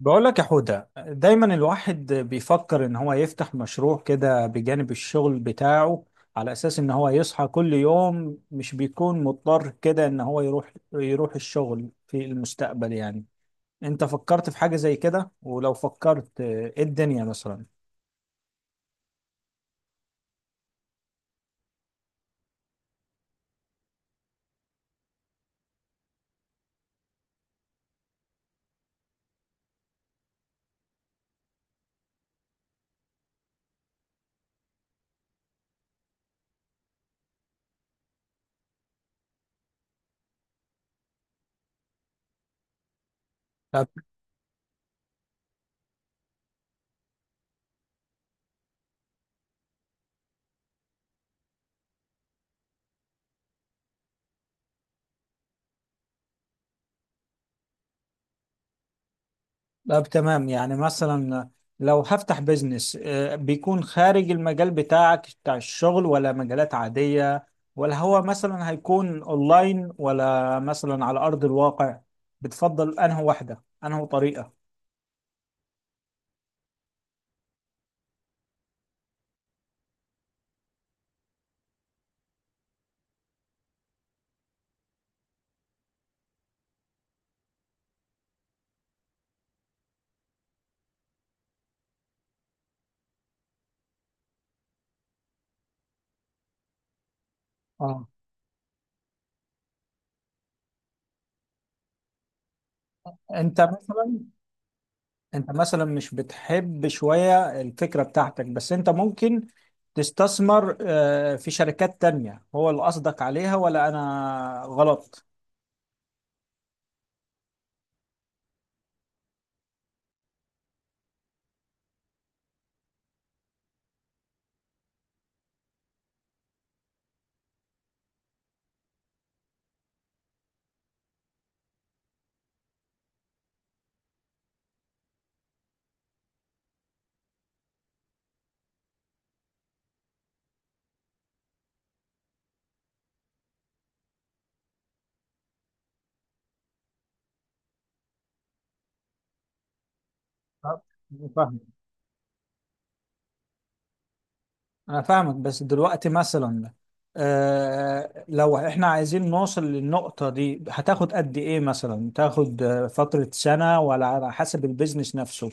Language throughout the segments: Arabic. بقول لك يا حودة دايما الواحد بيفكر ان هو يفتح مشروع كده بجانب الشغل بتاعه على اساس ان هو يصحى كل يوم مش بيكون مضطر كده ان هو يروح الشغل في المستقبل يعني. انت فكرت في حاجة زي كده؟ ولو فكرت ايه الدنيا مثلا؟ طب تمام، يعني مثلا لو هفتح بيزنس بيكون خارج المجال بتاعك بتاع الشغل، ولا مجالات عادية؟ ولا هو مثلا هيكون اونلاين ولا مثلا على ارض الواقع؟ بتفضل انهي واحدة، انهي طريقة؟ اه. انت مثلا انت مثلا مش بتحب شوية الفكرة بتاعتك، بس انت ممكن تستثمر في شركات تانية، هو اللي قصدك عليها ولا انا غلط؟ آه، فاهم. أنا فاهمك. بس دلوقتي مثلا، لو إحنا عايزين نوصل للنقطة دي هتاخد قد إيه مثلا؟ تاخد فترة سنة ولا على حسب البيزنس نفسه؟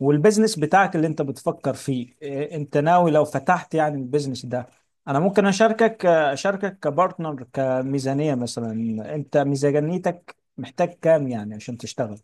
والبيزنس بتاعك اللي أنت بتفكر فيه، أنت ناوي لو فتحت يعني البيزنس ده أنا ممكن أشاركك، كبارتنر كميزانية مثلا. أنت ميزانيتك محتاج كام يعني عشان تشتغل؟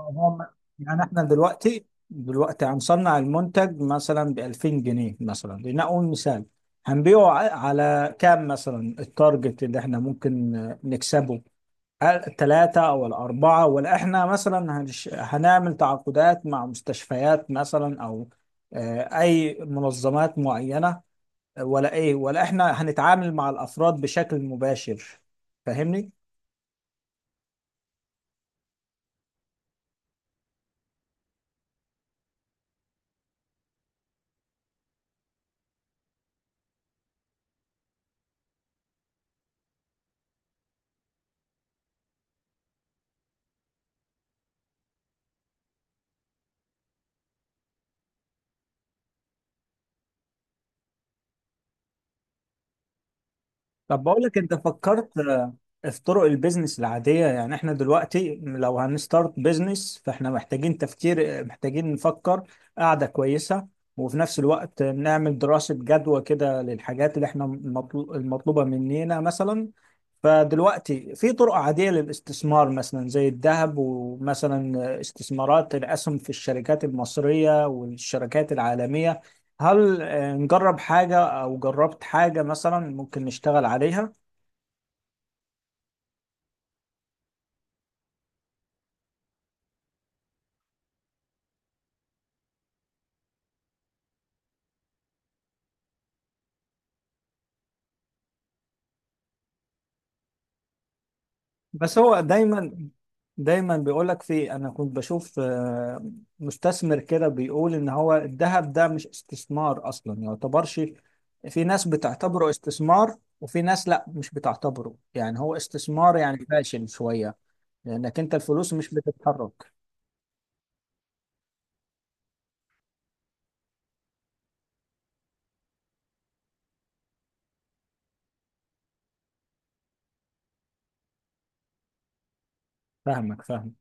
هو م- يعني احنا دلوقتي هنصنع المنتج مثلا ب 2000 جنيه مثلا، لنقول مثال. هنبيعه على كام مثلا؟ التارجت اللي احنا ممكن نكسبه، الثلاثة أو الأربعة؟ ولا احنا مثلا هنعمل تعاقدات مع مستشفيات مثلا، أو أي منظمات معينة؟ ولا إيه؟ ولا احنا هنتعامل مع الأفراد بشكل مباشر؟ فاهمني؟ طب بقول لك، انت فكرت في طرق البيزنس العادية؟ يعني احنا دلوقتي لو هنستارت بيزنس فاحنا محتاجين تفكير، محتاجين نفكر قاعدة كويسة، وفي نفس الوقت نعمل دراسة جدوى كده للحاجات اللي احنا المطلوبة مننا مثلا. فدلوقتي في طرق عادية للاستثمار مثلا، زي الذهب، ومثلا استثمارات الأسهم في الشركات المصرية والشركات العالمية. هل نجرب حاجة أو جربت حاجة مثلا ممكن نشتغل عليها؟ بس هو دايما بيقولك، في أنا كنت بشوف مستثمر كده بيقول إن هو الذهب ده مش استثمار أصلا، يعتبرش. في ناس بتعتبره استثمار، وفي ناس لا مش بتعتبره، يعني هو استثمار يعني فاشل شوية، لأنك أنت الفلوس مش بتتحرك. فاهمك، فاهمك.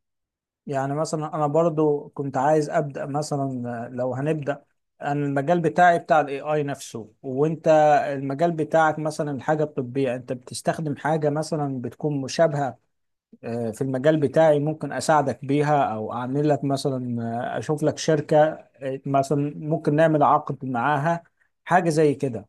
يعني مثلا انا برضو كنت عايز ابدا مثلا، لو هنبدا، انا المجال بتاعي بتاع الاي اي نفسه، وانت المجال بتاعك مثلا حاجه طبيه، انت بتستخدم حاجه مثلا بتكون مشابهه في المجال بتاعي. ممكن اساعدك بيها، او اعمل لك مثلا اشوف لك شركه مثلا ممكن نعمل عقد معاها، حاجه زي كده.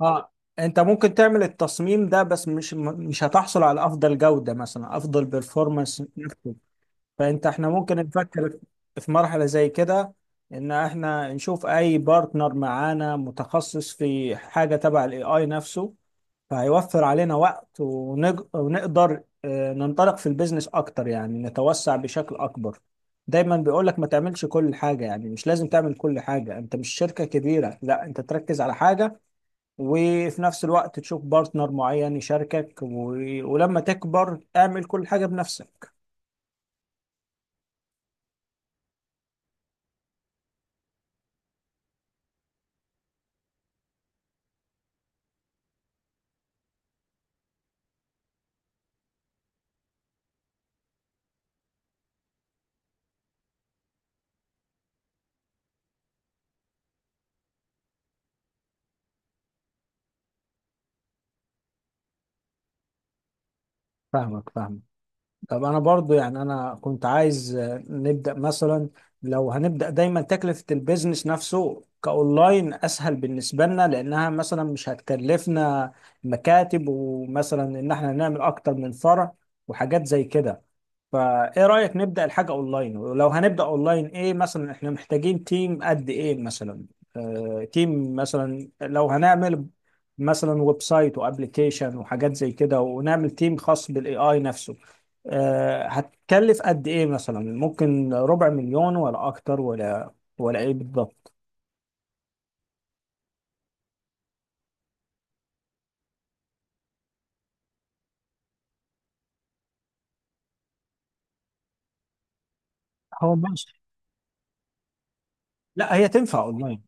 اه. انت ممكن تعمل التصميم ده، بس مش هتحصل على افضل جوده مثلا، افضل بيرفورمانس. فانت احنا ممكن نفكر في مرحلة زي كده، ان احنا نشوف اي بارتنر معانا متخصص في حاجة تبع الاي اي نفسه، فهيوفر علينا وقت ونقدر ننطلق في البيزنس اكتر، يعني نتوسع بشكل اكبر. دايما بيقول لك ما تعملش كل حاجة، يعني مش لازم تعمل كل حاجة، انت مش شركة كبيرة، لا انت تركز على حاجة وفي نفس الوقت تشوف بارتنر معين يشاركك ولما تكبر اعمل كل حاجة بنفسك. فاهمك، فاهمك. طب انا برضو، يعني انا كنت عايز نبدا مثلا، لو هنبدا، دايما تكلفه البيزنس نفسه كاونلاين اسهل بالنسبه لنا، لانها مثلا مش هتكلفنا مكاتب، ومثلا ان احنا نعمل اكتر من فرع، وحاجات زي كده. فايه رأيك نبدأ الحاجة اونلاين؟ ولو هنبدأ اونلاين، ايه مثلا احنا محتاجين تيم قد ايه مثلا؟ تيم مثلا، لو هنعمل مثلا ويب سايت وابلكيشن وحاجات زي كده، ونعمل تيم خاص بالاي اي نفسه، هتكلف قد ايه مثلا؟ ممكن ربع مليون ولا اكتر، ولا ايه بالضبط؟ هو ماشي. لا، هي تنفع اونلاين.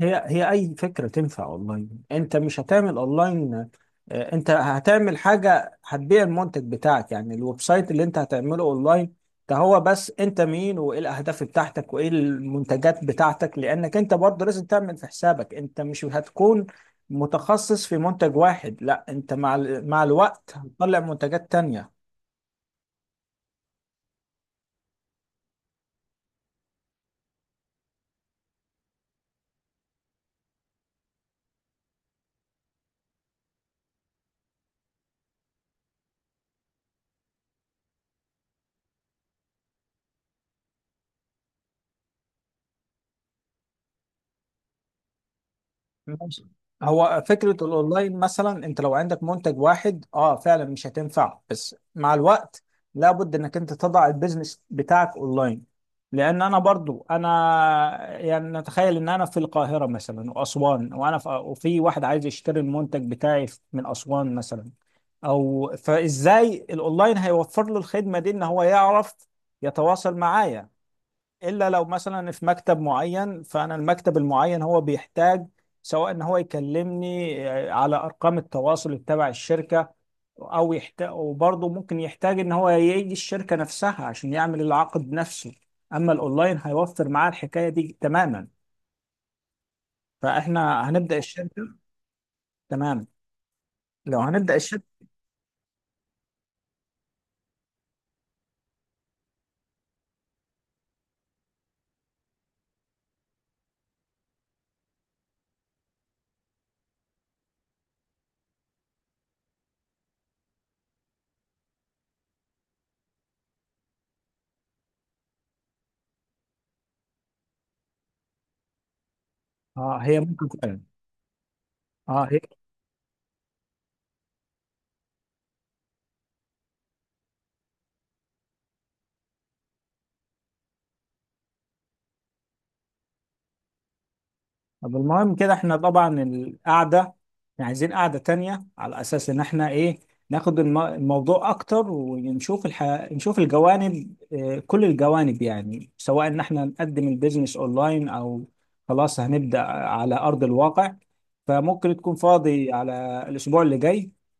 هي، هي اي فكره تنفع اونلاين. انت مش هتعمل اونلاين، انت هتعمل حاجه هتبيع المنتج بتاعك، يعني الويب سايت اللي انت هتعمله اونلاين ده هو بس انت مين، وايه الاهداف بتاعتك، وايه المنتجات بتاعتك، لانك انت برضه لازم تعمل في حسابك، انت مش هتكون متخصص في منتج واحد، لا انت مع الوقت هتطلع منتجات تانية. ماشي. هو فكرة الأونلاين مثلا، أنت لو عندك منتج واحد فعلا مش هتنفع، بس مع الوقت لابد إنك أنت تضع البيزنس بتاعك أونلاين. لأن أنا برضو، أنا يعني نتخيل إن أنا في القاهرة مثلا وأسوان، وأنا في، وفي واحد عايز يشتري المنتج بتاعي من أسوان مثلا، أو فإزاي الأونلاين هيوفر له الخدمة دي، إن هو يعرف يتواصل معايا؟ الا لو مثلا في مكتب معين، فانا المكتب المعين هو بيحتاج، سواء ان هو يكلمني على ارقام التواصل تبع الشركه، او يحتاج، وبرضه ممكن يحتاج ان هو يجي الشركه نفسها عشان يعمل العقد نفسه. اما الاونلاين هيوفر معاه الحكايه دي تماما. فاحنا هنبدا الشركه. تمام. لو هنبدا الشركه، اه هي ممكن فعلا. اه. هي طب، المهم كده احنا طبعا القعدة، احنا عايزين قعدة تانية على أساس إن احنا إيه، ناخد الموضوع أكتر ونشوف نشوف الجوانب، كل الجوانب يعني، سواء إن احنا نقدم البيزنس أونلاين، أو خلاص هنبدأ على أرض الواقع. فممكن تكون فاضي على الأسبوع اللي جاي؟